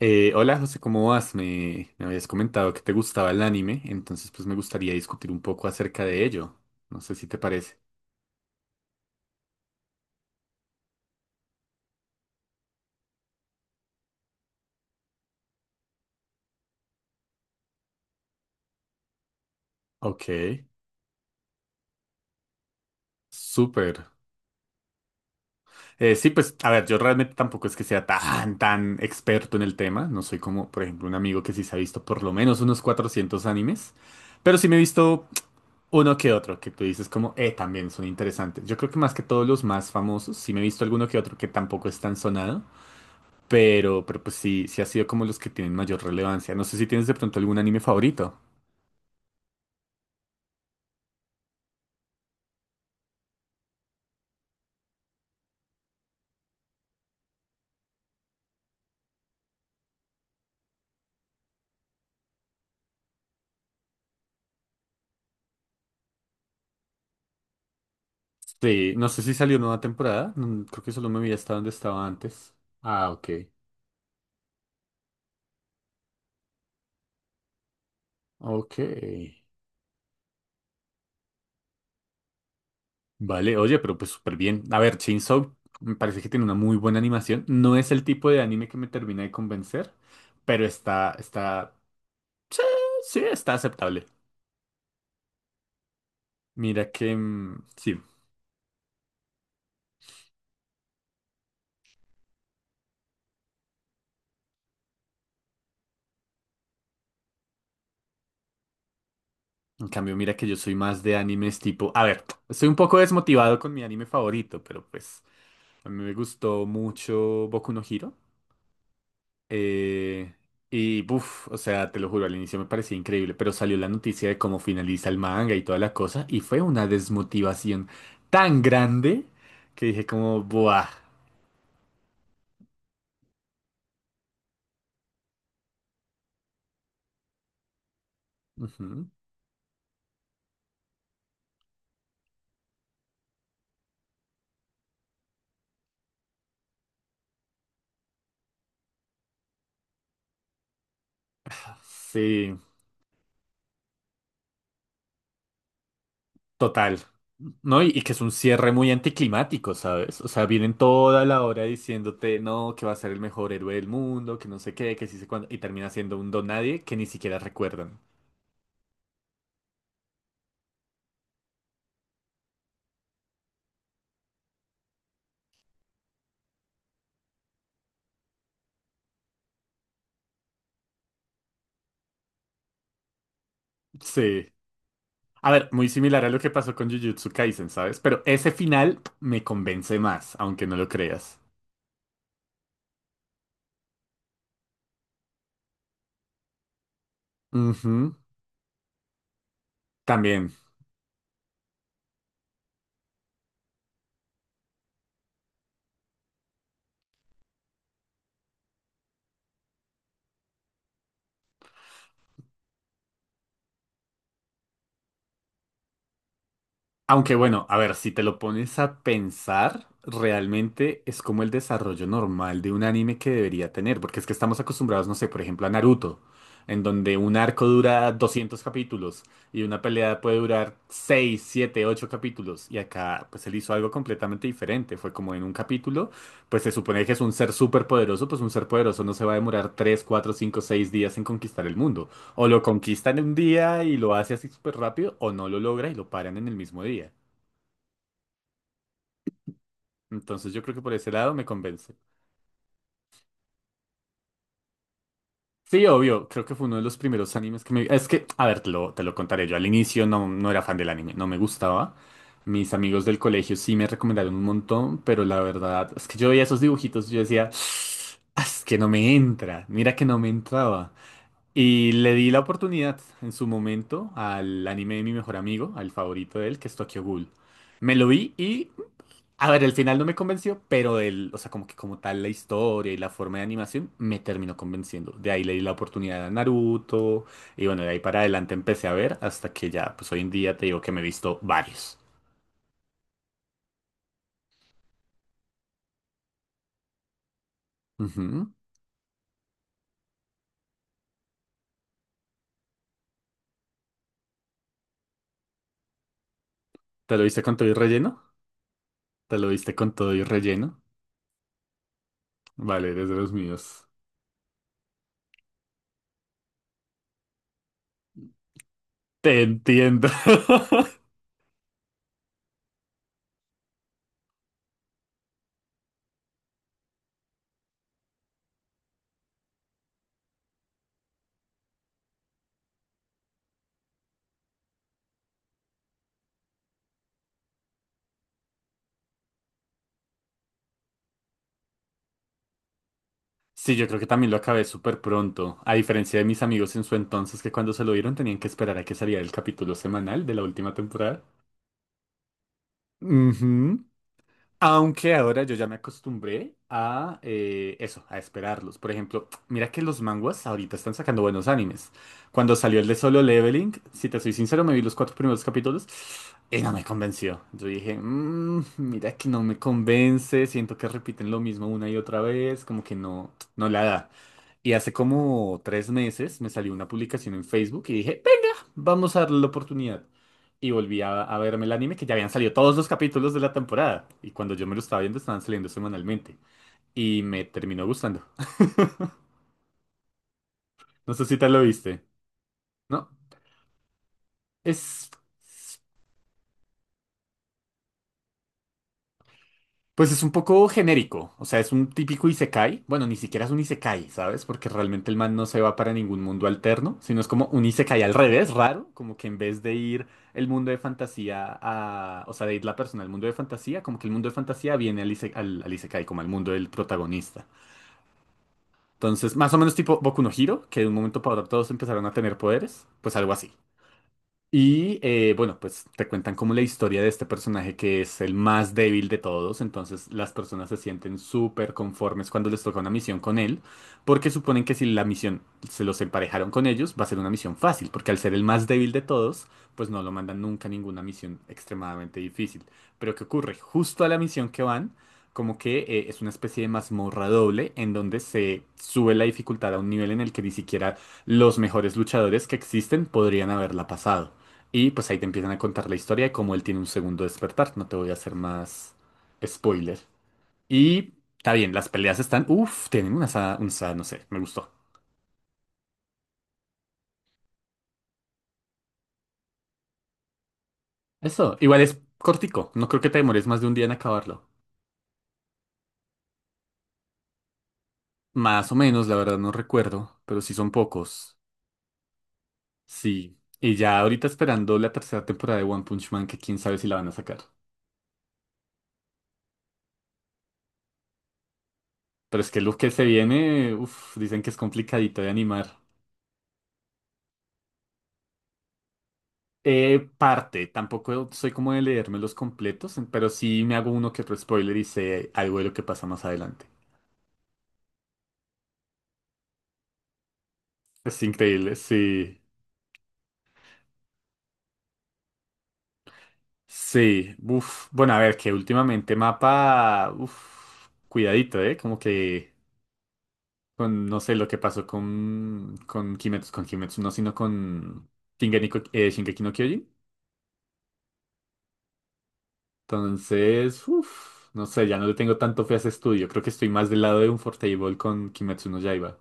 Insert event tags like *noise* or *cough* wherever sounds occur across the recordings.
Hola José, ¿cómo vas? Me habías comentado que te gustaba el anime, entonces pues me gustaría discutir un poco acerca de ello. No sé si te parece. Ok, súper. Sí, pues a ver, yo realmente tampoco es que sea tan experto en el tema. No soy como, por ejemplo, un amigo que sí se ha visto por lo menos unos 400 animes, pero sí me he visto uno que otro, que tú dices como, también son interesantes. Yo creo que más que todos los más famosos, sí me he visto alguno que otro que tampoco es tan sonado. Pero pues sí, sí ha sido como los que tienen mayor relevancia. No sé si tienes de pronto algún anime favorito. Sí, no sé si salió nueva temporada. No, creo que solo me vi hasta donde estaba antes. Ah, ok. Ok. Vale, oye, pero pues súper bien. A ver, Chainsaw me parece que tiene una muy buena animación. No es el tipo de anime que me termina de convencer, pero está, sí, está aceptable. Mira que, sí. En cambio, mira que yo soy más de animes tipo... A ver, estoy un poco desmotivado con mi anime favorito, pero pues... A mí me gustó mucho Boku no Hero. eh, y, buf, o sea, te lo juro, al inicio me parecía increíble, pero salió la noticia de cómo finaliza el manga y toda la cosa, y fue una desmotivación tan grande que dije como, buah. Ujú. Sí, total. No, y que es un cierre muy anticlimático, ¿sabes? O sea, vienen toda la hora diciéndote, no, que va a ser el mejor héroe del mundo, que no sé qué, que sí sé cuándo, y termina siendo un don nadie que ni siquiera recuerdan. Sí. A ver, muy similar a lo que pasó con Jujutsu Kaisen, ¿sabes? Pero ese final me convence más, aunque no lo creas. Ujú. También. Aunque bueno, a ver, si te lo pones a pensar, realmente es como el desarrollo normal de un anime que debería tener, porque es que estamos acostumbrados, no sé, por ejemplo, a Naruto, en donde un arco dura 200 capítulos y una pelea puede durar 6, 7, 8 capítulos, y acá pues él hizo algo completamente diferente, fue como en un capítulo, pues se supone que es un ser súper poderoso, pues un ser poderoso no se va a demorar 3, 4, 5, 6 días en conquistar el mundo. O lo conquistan en un día y lo hace así súper rápido, o no lo logra y lo paran en el mismo día. Entonces yo creo que por ese lado me convence. Sí, obvio, creo que fue uno de los primeros animes que me... Es que, a ver, te lo contaré. Yo al inicio no era fan del anime, no me gustaba. Mis amigos del colegio sí me recomendaron un montón, pero la verdad es que yo veía esos dibujitos y yo decía, "Ah, es que no me entra, mira que no me entraba." Y le di la oportunidad en su momento al anime de mi mejor amigo, al favorito de él, que es Tokyo Ghoul. Me lo vi y a ver, el final no me convenció, pero el, o sea, como que como tal la historia y la forma de animación me terminó convenciendo. De ahí le di la oportunidad a Naruto y bueno, de ahí para adelante empecé a ver hasta que ya, pues hoy en día te digo que me he visto varios. Ujú. ¿Te lo viste con todo y relleno? ¿Te lo viste con todo y relleno? Vale, eres de los míos. Te entiendo. *laughs* Sí, yo creo que también lo acabé súper pronto, a diferencia de mis amigos en su entonces que cuando se lo vieron tenían que esperar a que saliera el capítulo semanal de la última temporada. Ujú. Aunque ahora yo ya me acostumbré a eso, a esperarlos. Por ejemplo, mira que los manguas ahorita están sacando buenos animes. Cuando salió el de Solo Leveling, si te soy sincero, me vi los cuatro primeros capítulos y no me convenció. Yo dije, "Mm, mira que no me convence, siento que repiten lo mismo una y otra vez, como que no, no la da." Y hace como tres meses me salió una publicación en Facebook y dije, venga, vamos a darle la oportunidad y volví a verme el anime que ya habían salido todos los capítulos de la temporada. Y cuando yo me lo estaba viendo, estaban saliendo semanalmente. Y me terminó gustando. No sé si te lo viste. No, es... Pues es un poco genérico, o sea, es un típico isekai. Bueno, ni siquiera es un isekai, ¿sabes? Porque realmente el man no se va para ningún mundo alterno, sino es como un isekai al revés, raro, como que en vez de ir el mundo de fantasía a, o sea, de ir la persona al mundo de fantasía, como que el mundo de fantasía viene al, al isekai, como al mundo del protagonista. Entonces, más o menos tipo Boku no Hero, que de un momento para otro todos empezaron a tener poderes, pues algo así. Y bueno, pues te cuentan como la historia de este personaje que es el más débil de todos, entonces las personas se sienten súper conformes cuando les toca una misión con él, porque suponen que si la misión se los emparejaron con ellos, va a ser una misión fácil, porque al ser el más débil de todos, pues no lo mandan nunca a ninguna misión extremadamente difícil. Pero ¿qué ocurre? Justo a la misión que van, como que es una especie de mazmorra doble en donde se sube la dificultad a un nivel en el que ni siquiera los mejores luchadores que existen podrían haberla pasado. Y pues ahí te empiezan a contar la historia de cómo él tiene un segundo despertar. No te voy a hacer más spoiler. Y está bien, las peleas están. Uf, tienen una no sé, me gustó. Eso, igual es cortico. No creo que te demores más de un día en acabarlo. Más o menos, la verdad no recuerdo, pero sí son pocos. Sí. Y ya ahorita esperando la tercera temporada de One Punch Man, que quién sabe si la van a sacar. Pero es que lo que se viene, uf, dicen que es complicadito de animar. Parte, tampoco soy como de leerme los completos, pero sí me hago uno que otro spoiler y sé algo de lo que pasa más adelante. Es increíble, sí. Sí, uff. Bueno, a ver, que últimamente mapa, uff, cuidadito, ¿eh? Como que con, no sé lo que pasó con, con Kimetsu, no, sino con Shingeki no Kyojin. Entonces, uff, no sé, ya no le tengo tanto fe a ese estudio. Creo que estoy más del lado de un Unfortable con Kimetsu no Yaiba.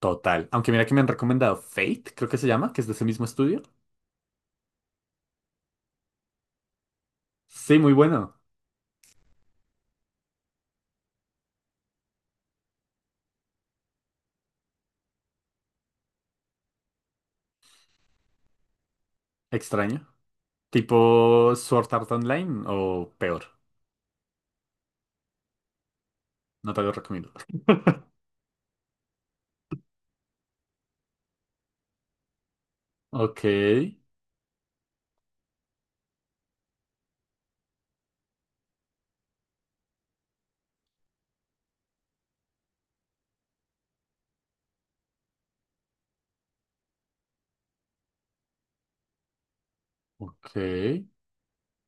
Total. Aunque mira que me han recomendado Fate, creo que se llama, que es de ese mismo estudio. Sí, muy bueno. Extraño. Tipo Sword Art Online o peor. No te lo recomiendo. Ok, ok.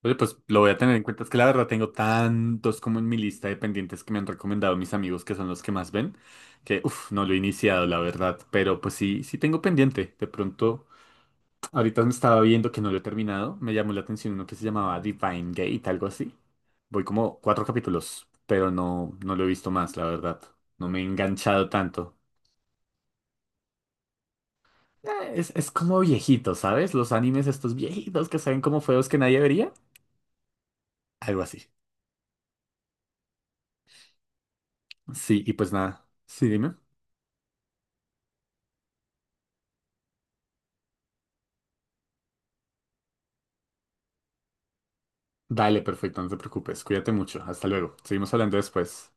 Oye, pues lo voy a tener en cuenta. Es que la verdad tengo tantos como en mi lista de pendientes que me han recomendado mis amigos, que son los que más ven, que uff, no lo he iniciado, la verdad. Pero pues sí, sí tengo pendiente. De pronto, ahorita me estaba viendo que no lo he terminado. Me llamó la atención uno que se llamaba Divine Gate, algo así. Voy como cuatro capítulos, pero no, no lo he visto más, la verdad. No me he enganchado tanto. Es como viejito, ¿sabes? Los animes estos viejitos que saben como feos que nadie vería. Algo así. Sí, y pues nada. Sí, dime. Dale, perfecto, no te preocupes. Cuídate mucho. Hasta luego. Seguimos hablando después.